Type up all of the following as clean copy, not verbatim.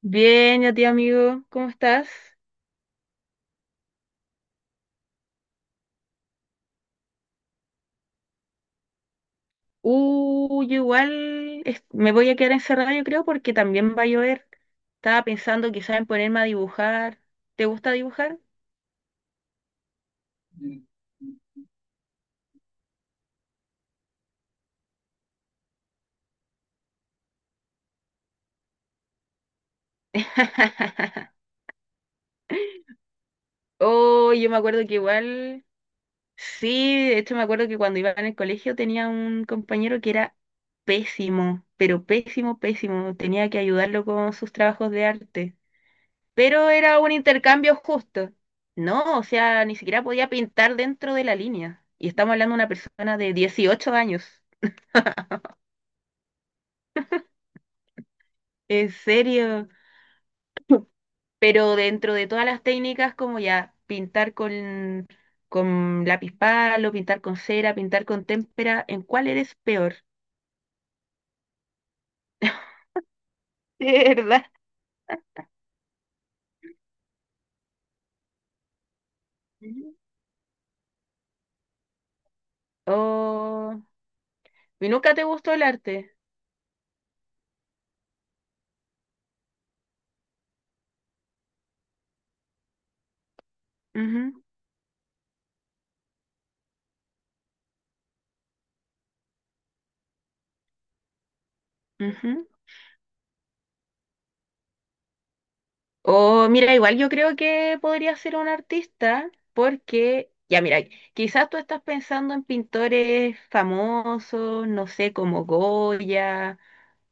Bien, a ti amigo, ¿cómo estás? Yo igual me voy a quedar encerrada, yo creo, porque también va a llover. Estaba pensando quizás en ponerme a dibujar. ¿Te gusta dibujar? Oh, yo me acuerdo que igual, sí, de hecho me acuerdo que cuando iba en el colegio tenía un compañero que era pésimo, pero pésimo, pésimo. Tenía que ayudarlo con sus trabajos de arte. Pero era un intercambio justo. No, o sea, ni siquiera podía pintar dentro de la línea. Y estamos hablando de una persona de 18 años. En serio. Pero dentro de todas las técnicas, como ya pintar con lápiz palo, pintar con cera, pintar con témpera, ¿en cuál eres peor? De verdad. Ujú. Oh, ¿y nunca te gustó el arte? Ujú, ujú. O mira, igual yo creo que podría ser un artista porque, ya mira, quizás tú estás pensando en pintores famosos, no sé, como Goya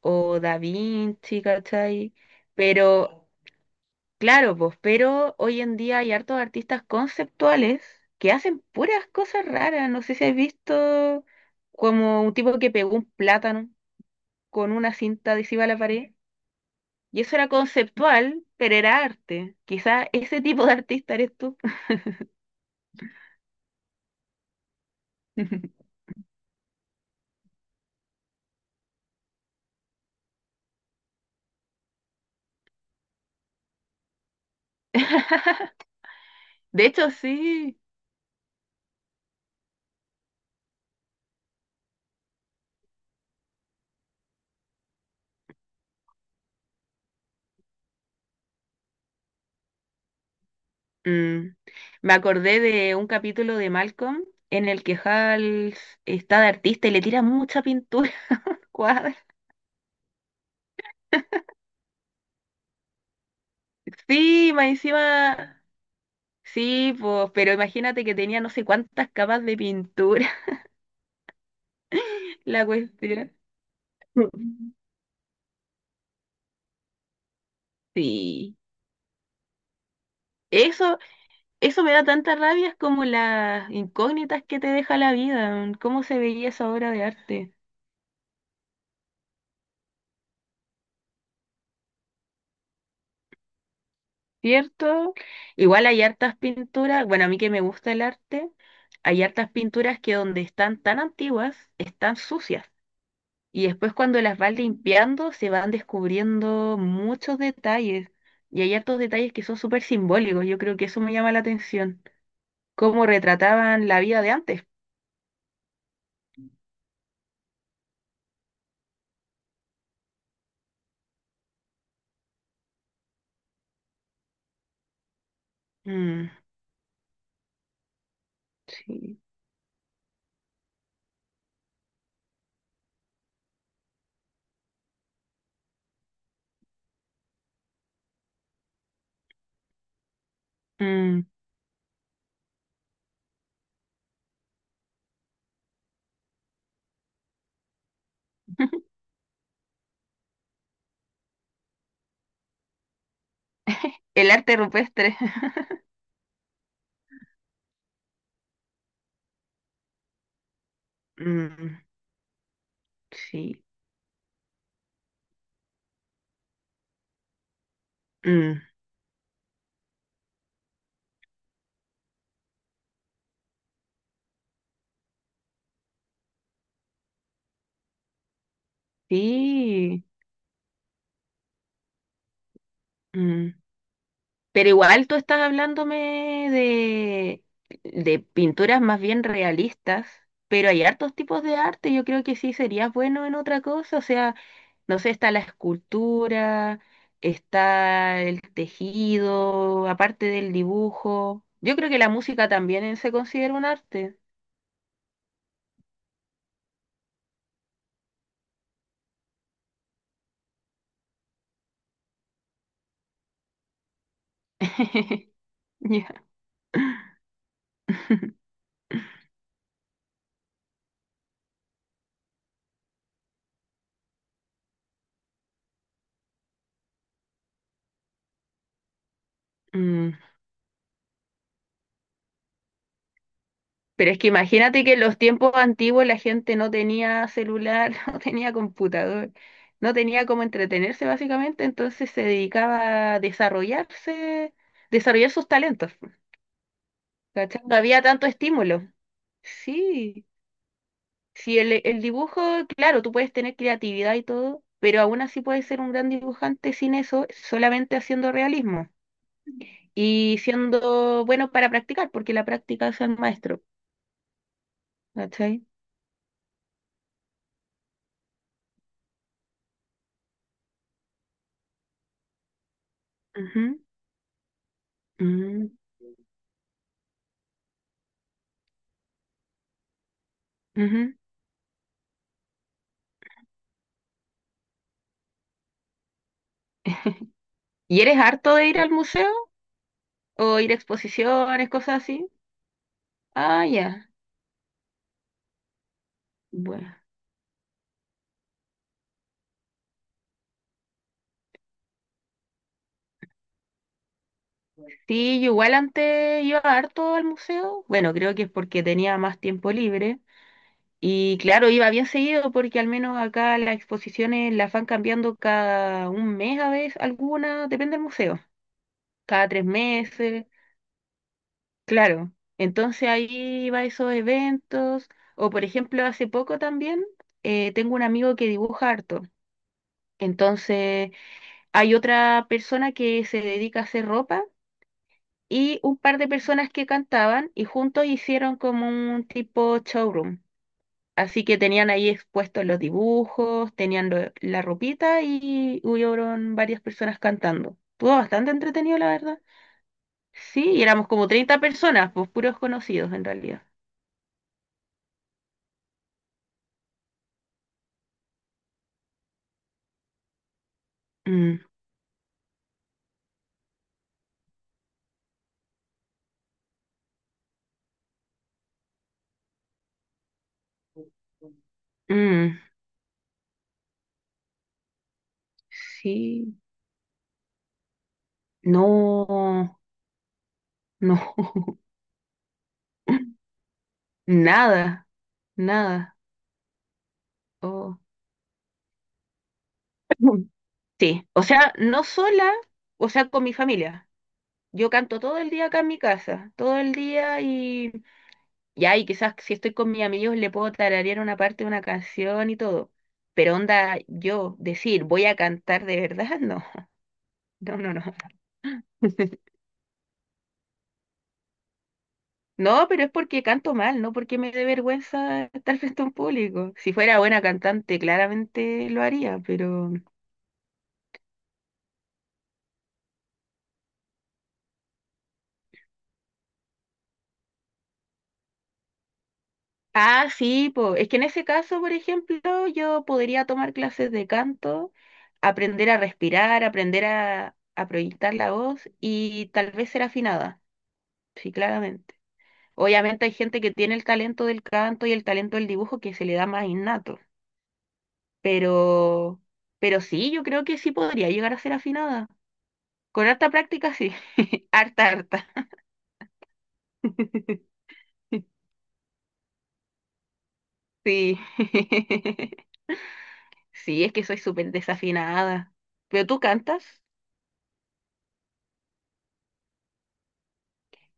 o Da Vinci, ¿cachai? Pero, claro, pues, pero hoy en día hay hartos artistas conceptuales que hacen puras cosas raras. No sé si has visto como un tipo que pegó un plátano con una cinta adhesiva a la pared. Y eso era conceptual, pero era arte. Quizás ese tipo de artista eres tú. De hecho, sí. Mm. Me acordé de un capítulo de Malcolm en el que Hal está de artista y le tira mucha pintura al cuadro. Sí, más encima. Sí, pues, pero imagínate que tenía no sé cuántas capas de pintura la cuestión. Mm. Sí. Eso Eso me da tanta rabia, es como las incógnitas que te deja la vida, mm, cómo se veía esa obra de arte, ¿cierto? Igual hay hartas pinturas, bueno, a mí que me gusta el arte, hay hartas pinturas que donde están tan antiguas, están sucias. Y después cuando las vas limpiando, se van descubriendo muchos detalles. Y hay hartos detalles que son súper simbólicos, yo creo que eso me llama la atención. Cómo retrataban la vida de antes. Mm. Sí. Mm. El arte rupestre. Mm, sí, mm, sí. Mm. Pero igual tú estás hablándome de, pinturas más bien realistas, pero hay hartos tipos de arte, yo creo que sí serías bueno en otra cosa, o sea, no sé, está la escultura, está el tejido, aparte del dibujo. Yo creo que la música también se considera un arte. Ya. Mm. Pero es que imagínate que en los tiempos antiguos la gente no tenía celular, no tenía computador, no tenía cómo entretenerse básicamente, entonces se dedicaba a desarrollarse, desarrollar sus talentos. ¿Cachai? No había tanto estímulo. Sí, sí, el dibujo, claro, tú puedes tener creatividad y todo, pero aún así puedes ser un gran dibujante sin eso, solamente haciendo realismo y siendo bueno para practicar, porque la práctica es el maestro. ¿Cachai? Ujú, ujú, ujú. ¿Y eres harto de ir al museo o ir a exposiciones, cosas así? Ah, ya. Bueno. Sí, yo igual antes iba harto al museo. Bueno, creo que es porque tenía más tiempo libre. Y claro, iba bien seguido porque al menos acá las exposiciones las van cambiando cada un mes a veces, algunas, depende del museo. Cada 3 meses, claro. Entonces ahí iba a esos eventos. O por ejemplo, hace poco también tengo un amigo que dibuja harto. Entonces... Hay otra persona que se dedica a hacer ropa y un par de personas que cantaban y juntos hicieron como un tipo showroom. Así que tenían ahí expuestos los dibujos, tenían la ropita y hubieron varias personas cantando. Estuvo bastante entretenido, la verdad. Sí, y éramos como 30 personas, pues puros conocidos en realidad. Mm, mm, sí, no, no, nada, nada. Oh. Sí, o sea, no sola, o sea, con mi familia. Yo canto todo el día acá en mi casa, todo el día y ya, y quizás si estoy con mis amigos le puedo tararear una parte de una canción y todo. Pero onda, yo decir, voy a cantar de verdad, no, no, no, no. No, pero es porque canto mal, no porque me dé vergüenza estar frente a un público. Si fuera buena cantante, claramente lo haría, pero ah, sí, po. Es que en ese caso, por ejemplo, yo podría tomar clases de canto, aprender a respirar, aprender a proyectar la voz y tal vez ser afinada, sí, claramente. Obviamente hay gente que tiene el talento del canto y el talento del dibujo que se le da más innato, pero, pero sí, yo creo que sí podría llegar a ser afinada. Con harta práctica, sí. Harta, harta. Sí. Sí, es que soy súper desafinada. ¿Pero tú cantas?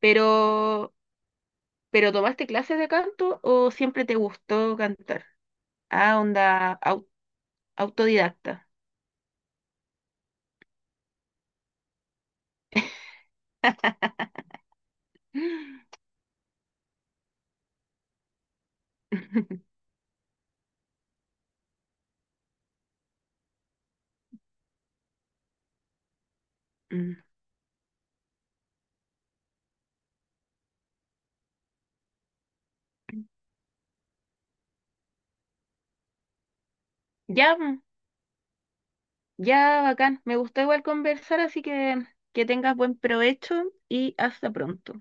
Pero, pero ¿tomaste clases de canto o siempre te gustó cantar? Ah, onda autodidacta. Mm. Ya, mm, ya, bacán. Me gustó igual conversar, así que tengas buen provecho y hasta pronto.